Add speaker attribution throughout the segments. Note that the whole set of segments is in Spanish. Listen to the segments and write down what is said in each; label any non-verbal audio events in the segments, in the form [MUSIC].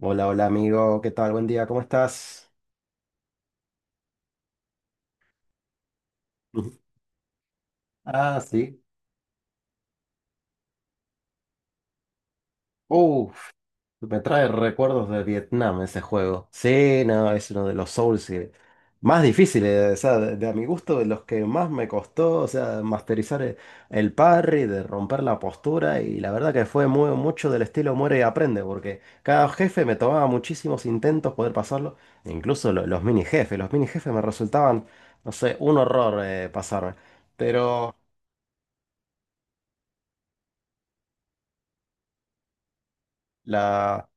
Speaker 1: Hola, hola amigo, ¿qué tal? Buen día, ¿cómo estás? Ujú. Ah, sí. Uf, me trae recuerdos de Vietnam ese juego. Sí, no, es uno de los Souls más difíciles, o sea, de a mi gusto, de los que más me costó, o sea, masterizar el parry, de romper la postura, y la verdad que fue muy, mucho del estilo muere y aprende, porque cada jefe me tomaba muchísimos intentos poder pasarlo, incluso los mini jefes me resultaban, no sé, un horror pasarme. Pero... La,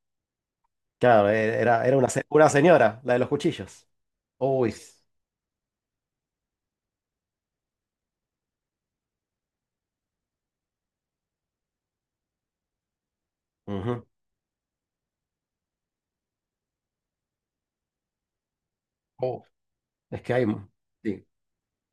Speaker 1: claro, era, era una, una señora, la de los cuchillos. Uy, ujú. Oh, es que hay... sí.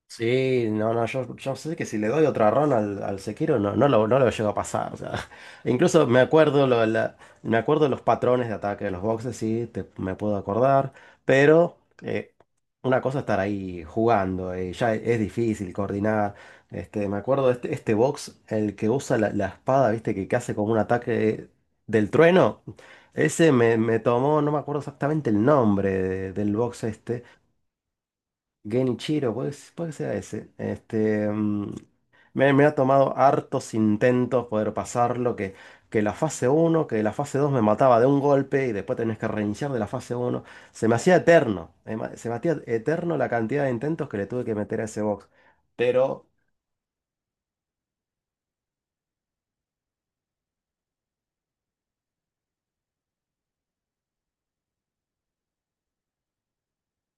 Speaker 1: Sí, no, no, yo sé que si le doy otra run al Sekiro no, no lo llego a pasar. O sea, [LAUGHS] incluso me acuerdo, me acuerdo los patrones de ataque de los boxes, sí, me puedo acordar, pero eh, una cosa es estar ahí jugando, ya es difícil coordinar. Este, me acuerdo de este box, el que usa la espada, viste, que hace como un ataque del trueno. Me tomó, no me acuerdo exactamente el nombre del box este. Genichiro, puede, puede que sea ese. Este, me ha tomado hartos intentos poder pasarlo, que la fase uno, que la fase 2 me mataba de un golpe y después tenés que reiniciar de la fase uno. Se me hacía eterno, se me hacía eterno la cantidad de intentos que le tuve que meter a ese box. Pero,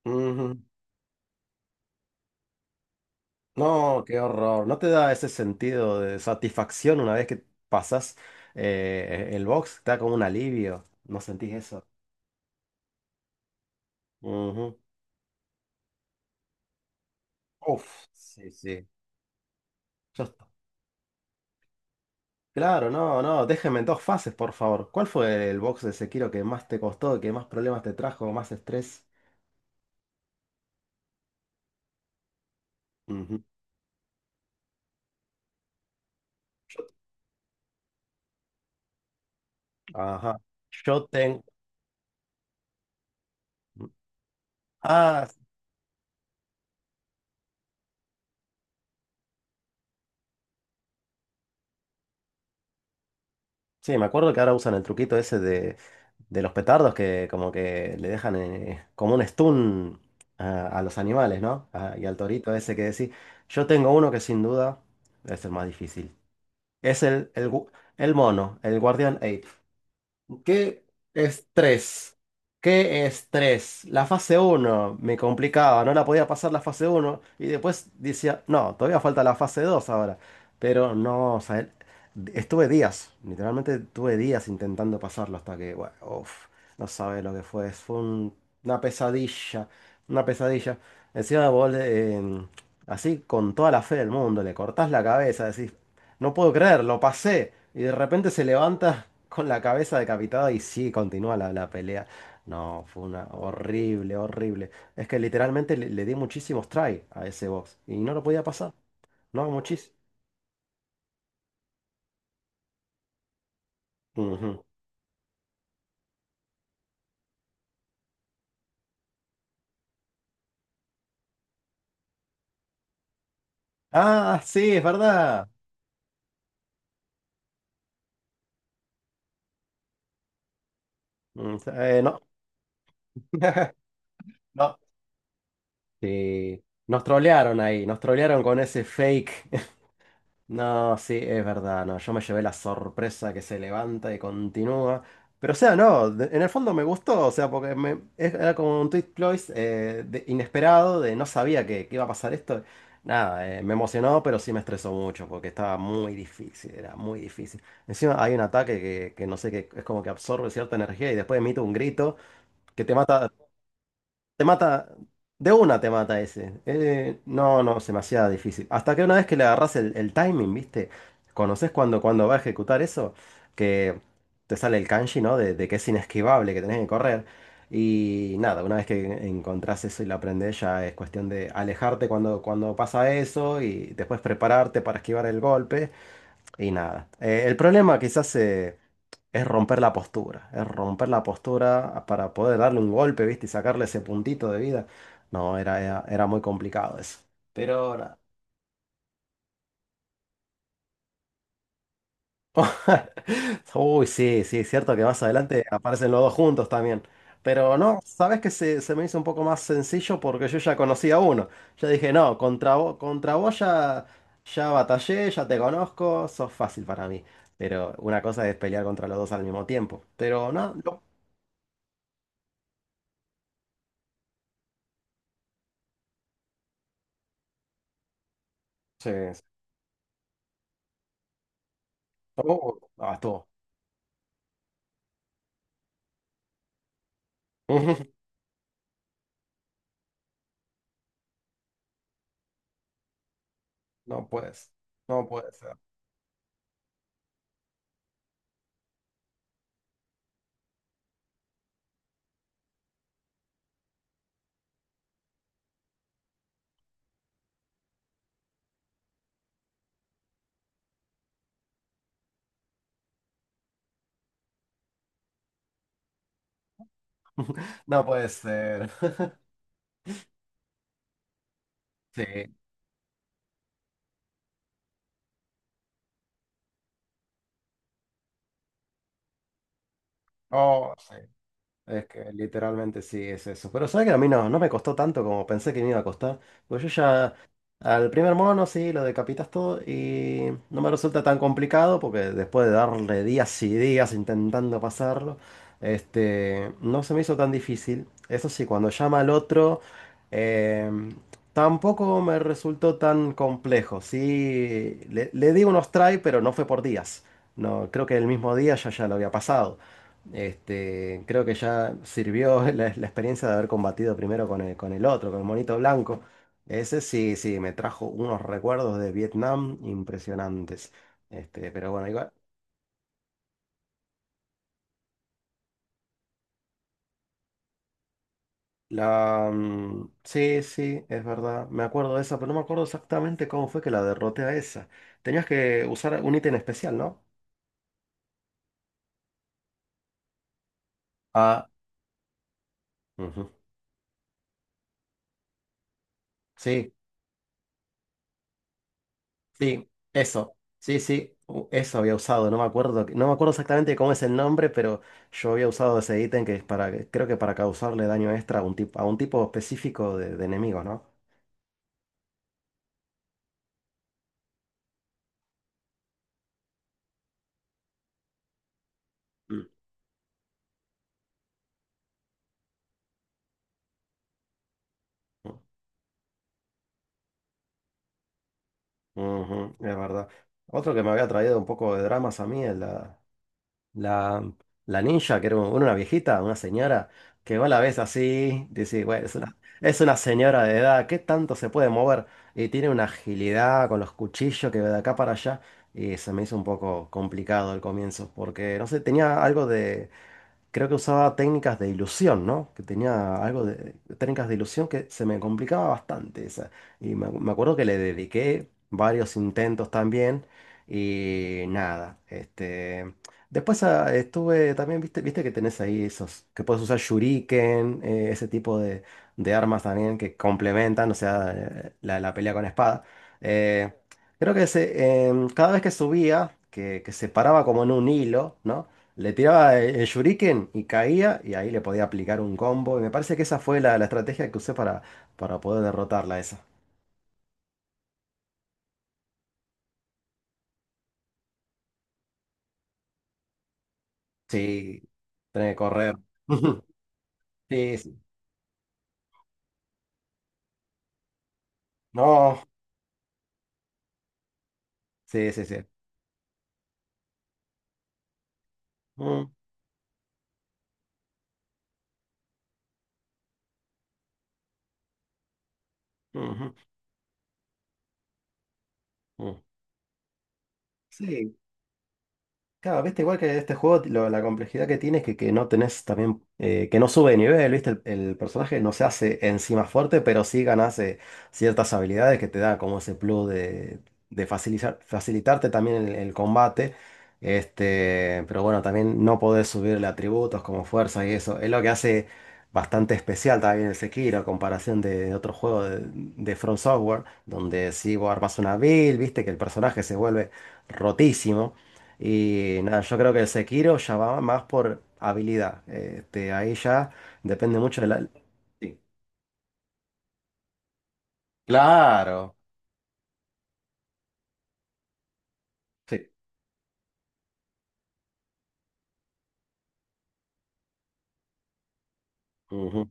Speaker 1: ujú, no, qué horror. ¿No te da ese sentido de satisfacción una vez que pasas el box? Te da como un alivio. ¿No sentís eso? Ujú. Uf, sí, sí. Ya está. Claro, no, no, déjenme en dos fases, por favor. ¿Cuál fue el box de Sekiro que más te costó, que más problemas te trajo, más estrés? Ujú. Yo- ajá. Yo tengo. Ah, sí, me acuerdo que ahora usan el truquito ese de los petardos que como que le dejan como un stun a los animales, ¿no? Ah, y al torito ese que decís. Yo tengo uno que sin duda es el más difícil. Es el mono, el guardián ape. ¿Qué estrés? ¿Qué estrés? La fase uno me complicaba, no la podía pasar la fase uno y después decía, no, todavía falta la fase 2 ahora. Pero no, o sea, estuve días, literalmente tuve días intentando pasarlo hasta que, bueno, uf, no sabes lo que fue, una pesadilla, una pesadilla. Encima vos, así con toda la fe del mundo, le cortás la cabeza, decís, no puedo creer, lo pasé. Y de repente se levanta con la cabeza decapitada y sí, continúa la pelea. No, fue una horrible, horrible. Es que literalmente le di muchísimos try a ese box y no lo podía pasar. No, muchísimo. Ujú. Ah, sí, es verdad. Mm, no, [LAUGHS] no. Sí. Nos trolearon ahí, nos trolearon con ese fake. No, sí, es verdad, no, yo me llevé la sorpresa que se levanta y continúa. Pero o sea, no, en el fondo me gustó, o sea, porque era como un twist close inesperado, de no sabía que iba a pasar esto. Nada, me emocionó, pero sí me estresó mucho, porque estaba muy difícil, era muy difícil. Encima hay un ataque que no sé, que es como que absorbe cierta energía y después emite un grito que te mata, de una te mata ese. No, no, es demasiado difícil. Hasta que una vez que le agarrás el timing, ¿viste? ¿Conoces cuando va a ejecutar eso? Que te sale el kanji, ¿no? De que es inesquivable, que tenés que correr. Y nada, una vez que encontrás eso y lo aprendés, ya es cuestión de alejarte cuando pasa eso y después prepararte para esquivar el golpe. Y nada. El problema quizás... se es romper la postura, es romper la postura para poder darle un golpe, ¿viste? Y sacarle ese puntito de vida. No, era muy complicado eso. Pero ahora... [LAUGHS] Uy, sí, sí, es cierto que más adelante aparecen los dos juntos también. Pero no, sabes que se me hizo un poco más sencillo porque yo ya conocía a uno. Yo dije, no, contra vos ya, ya batallé, ya te conozco, sos fácil para mí. Pero una cosa es pelear contra los dos al mismo tiempo. Pero no, no. Sí, sí. Oh, ah, estuvo. [LAUGHS] No puedes. No puede ser. No puede ser. [LAUGHS] Sí. Oh, sí. Es que literalmente sí es eso. Pero sabes que a mí no, no me costó tanto como pensé que me iba a costar. Pues yo ya al primer mono sí lo decapitas todo y no me resulta tan complicado porque después de darle días y días intentando pasarlo, este, no se me hizo tan difícil. Eso sí, cuando llama al otro, eh, tampoco me resultó tan complejo. Sí, le di unos try, pero no fue por días. No, creo que el mismo día ya ya lo había pasado. Este, creo que ya sirvió [LAUGHS] la experiencia de haber combatido primero con con el otro, con el monito blanco. Ese sí, sí, me trajo unos recuerdos de Vietnam impresionantes. Este, pero bueno, igual. La, mm, sí, sí, es verdad. Me acuerdo de esa, pero no me acuerdo exactamente cómo fue que la derroté a esa. Tenías que usar un ítem especial, ¿no? Ah. Ujú. Sí. Sí, eso. Sí, sí, eso había usado. No me acuerdo, no me acuerdo exactamente cómo es el nombre, pero yo había usado ese ítem que es para, creo que para causarle daño extra a un tipo específico de enemigo, ¿no? Mm. Ujú, es verdad. Otro que me había traído un poco de dramas a mí, La, la ninja, que era una viejita, una señora, que vos la ves así, dice, bueno, es una señora de edad, ¿qué tanto se puede mover? Y tiene una agilidad con los cuchillos que va de acá para allá, y se me hizo un poco complicado al comienzo, porque, no sé, tenía algo de creo que usaba técnicas de ilusión, ¿no? Que tenía algo de técnicas de ilusión que se me complicaba bastante esa. Y me acuerdo que le dediqué varios intentos también y nada, este... Después ah, estuve también, viste, viste que tenés ahí esos, que puedes usar shuriken, ese tipo de armas también que complementan, o sea, la pelea con espada. Eh, creo que cada vez que subía, que se paraba como en un hilo, ¿no? Le tiraba el shuriken y caía y ahí le podía aplicar un combo. Y me parece que esa fue la estrategia que usé para poder derrotarla esa. Sí, tenés que correr. [LAUGHS] Sí, sí. No. Sí, sí, sí. Mm, ujú, mm. Sí, claro, viste, igual que este juego, la complejidad que tiene es que no tenés también, que no sube de nivel, viste, el personaje no se hace encima fuerte, pero sí ganas ciertas habilidades que te da como ese plus de facilitar, facilitarte también el combate, este, pero bueno, también no podés subirle atributos como fuerza y eso, es lo que hace bastante especial también el Sekiro, a comparación de, otro juego de From Software, donde si vos armas una build, viste, que el personaje se vuelve rotísimo. Y nada, yo creo que el Sekiro ya va más por habilidad. Este, ahí ya depende mucho de la... Sí, claro. Sí. Ujú,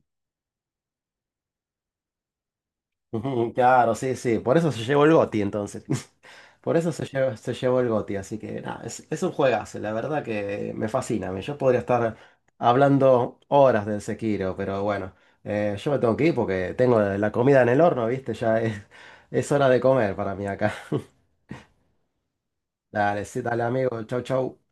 Speaker 1: [LAUGHS] ujú, claro, sí, sí. Por eso se llevó el GOTY entonces. [LAUGHS] Por eso se llevó el GOTY. Así que nada, es un juegazo. La verdad que me fascina. Me Yo podría estar hablando horas del Sekiro, pero bueno, yo me tengo que ir porque tengo la comida en el horno, ¿viste? Ya es hora de comer para mí acá. [LAUGHS] Dale, sí, dale amigo. Chau, chau.